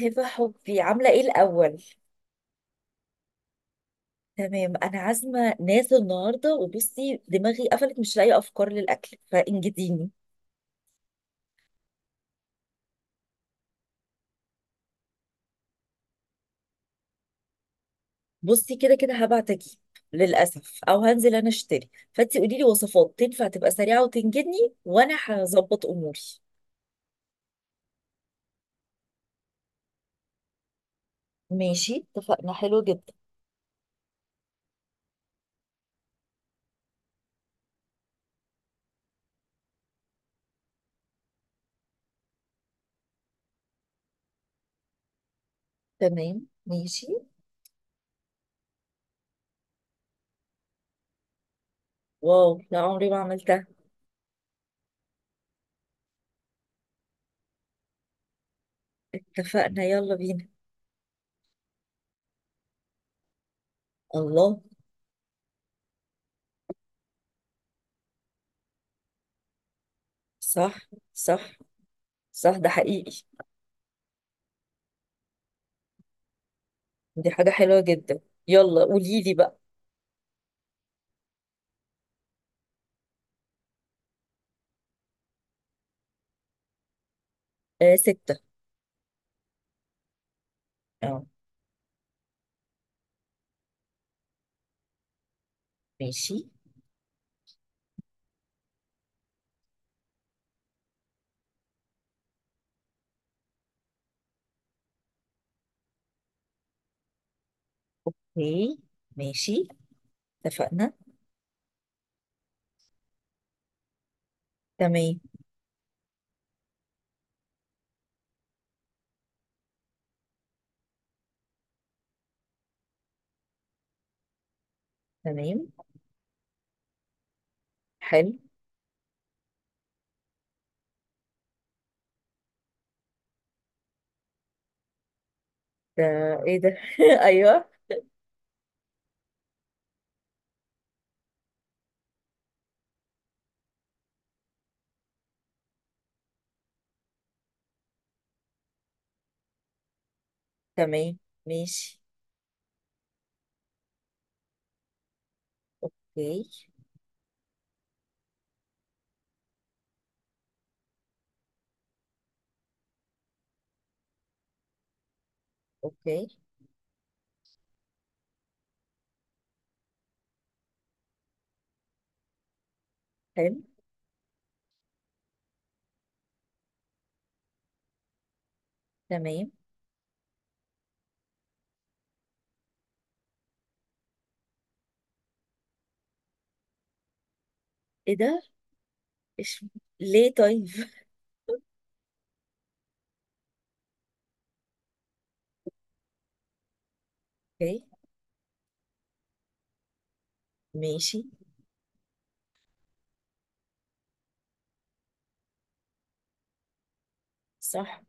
هبة حبي، عاملة ايه الأول؟ تمام، أنا عازمة ناس النهاردة وبصي دماغي قفلت، مش لاقية أفكار للأكل، فانجديني. بصي، كده كده هبعت أجيب للأسف، أو هنزل أنا أشتري، فأنتي قولي لي وصفات تنفع تبقى سريعة وتنجدني، وأنا هظبط أموري. ماشي، اتفقنا. حلو جدا. تمام ماشي. واو، لا عمري ما عملتها. اتفقنا، يلا بينا. الله. صح، صح، صح، ده حقيقي. دي حاجة حلوة جدا. يلا قولي لي بقى. آه، ستة. آه. ماشي. اوكي. ماشي. اتفقنا. تمام. تمام. حلو. ده ايه ده؟ ايوه. تمام ماشي. اوكي. اوكي. حلو. تمام. ايه ده؟ إيش... ليه طيب؟ اوكي. ماشي. صح.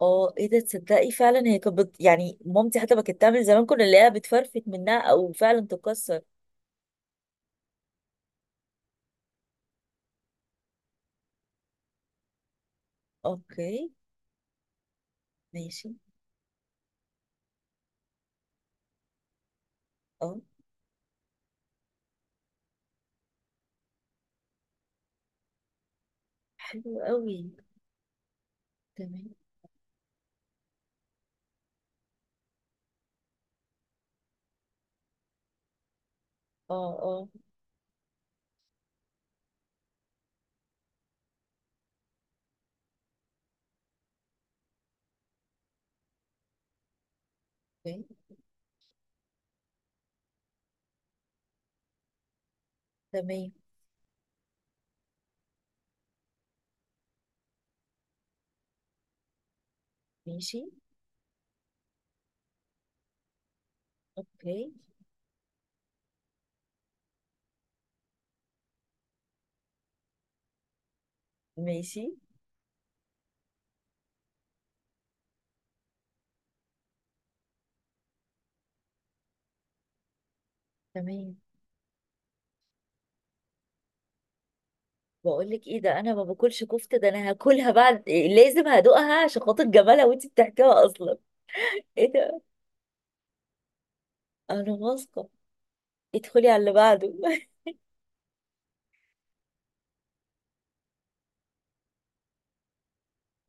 اه، ايه ده، تصدقي فعلا هي كانت يعني مامتي حتى ما كانت تعمل زمان، كنا نلاقيها بتفرفت منها او فعلا تكسر. اوكي. ماشي. اه. حلو قوي. تمام. اه اه. اوكي. تمام ماشي. اوكي. ماشي. تمام. بقول لك ايه ده، انا ما باكلش كفته، ده انا هاكلها بعد إيه، لازم هدوقها عشان خاطر جمالها وانت بتحكيها اصلا. ايه ده. انا واثقه. ادخلي على اللي بعده.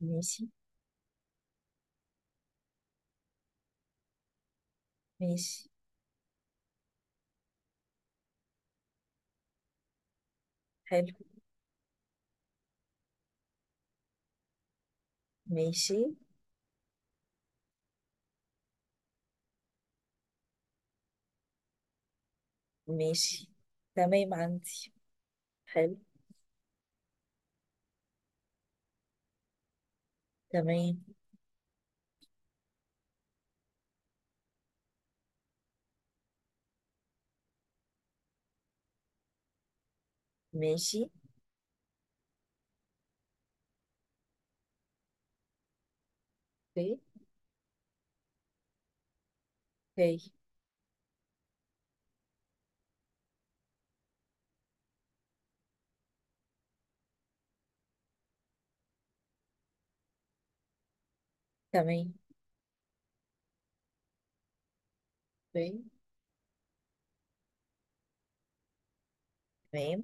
ماشي. ماشي. حلو. ماشي. ماشي. تمام عندي. حلو. تمام ماشي. اوكي. اوكي. تمام. اوكي. تمام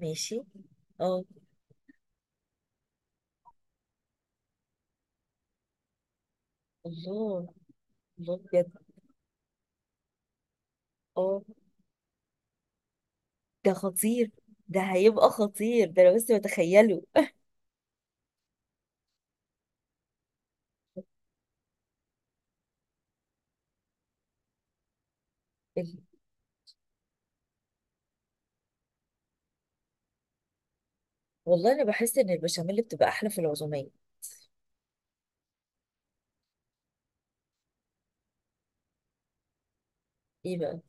ماشي. اه. الله. الله بجد. اه. ده خطير. ده هيبقى خطير، ده انا بس بتخيله. والله انا بحس ان البشاميل بتبقى احلى في العزوميه. ايه بقى؟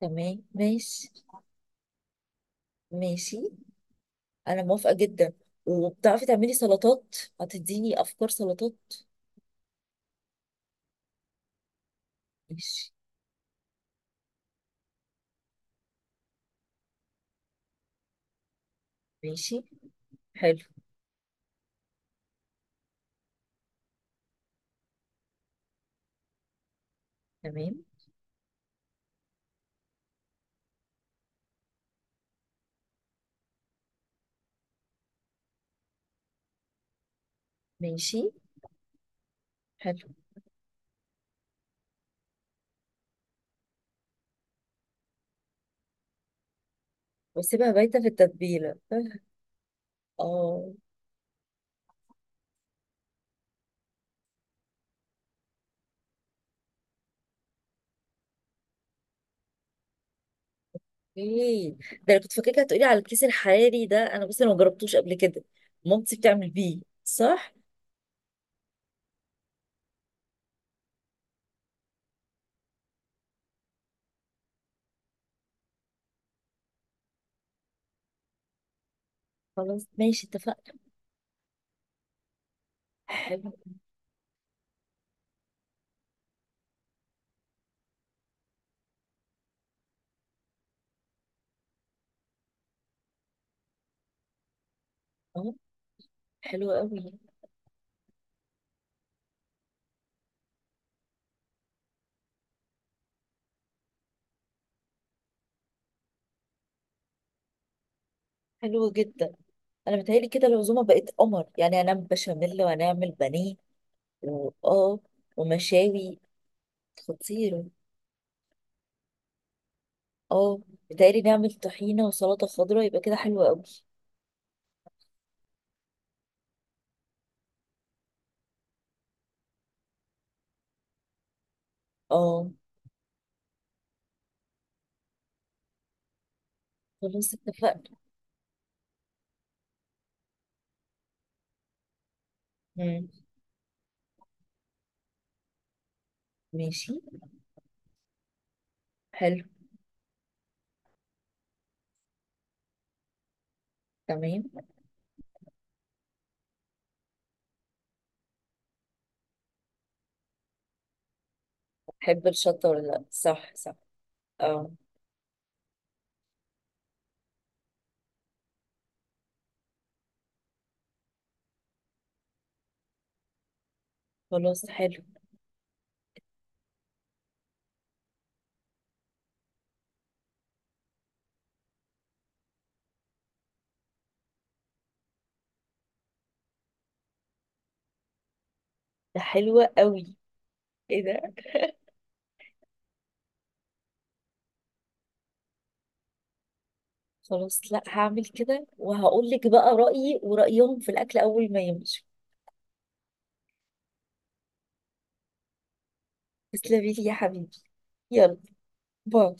تمام ماشي. ماشي، انا موافقه جدا. وبتعرفي تعملي سلطات؟ هتديني افكار سلطات. ماشي. ماشي. حلو. تمام ماشي. حلو. واسيبها بايته في التتبيله. اه. ايه ده، انا كنت فاكرك هتقولي على الكيس الحراري ده، انا بس انا ما جربتوش قبل كده. مامتي بتعمل بيه، صح؟ خلاص ماشي، اتفقنا. حلو. اه. حلو قوي. حلو جدا. انا متهيألي كده العزومه بقت قمر، يعني هنعمل بشاميل وهنعمل بانيه. واه. ومشاوي. خطير. اه، متهيألي نعمل طحينه وسلطه خضراء، يبقى كده حلو قوي. اه. خلاص اتفقنا. مم. ماشي. حلو. تمام حب الشطه ولا لا، صح صح. اه. خلاص. حلو. ده حلوه قوي. ايه ده؟ خلاص، لا هعمل كده وهقول لك بقى رأيي ورأيهم في الاكل اول ما يمشوا. تسلمي لي يا حبيبي. يلا. باي.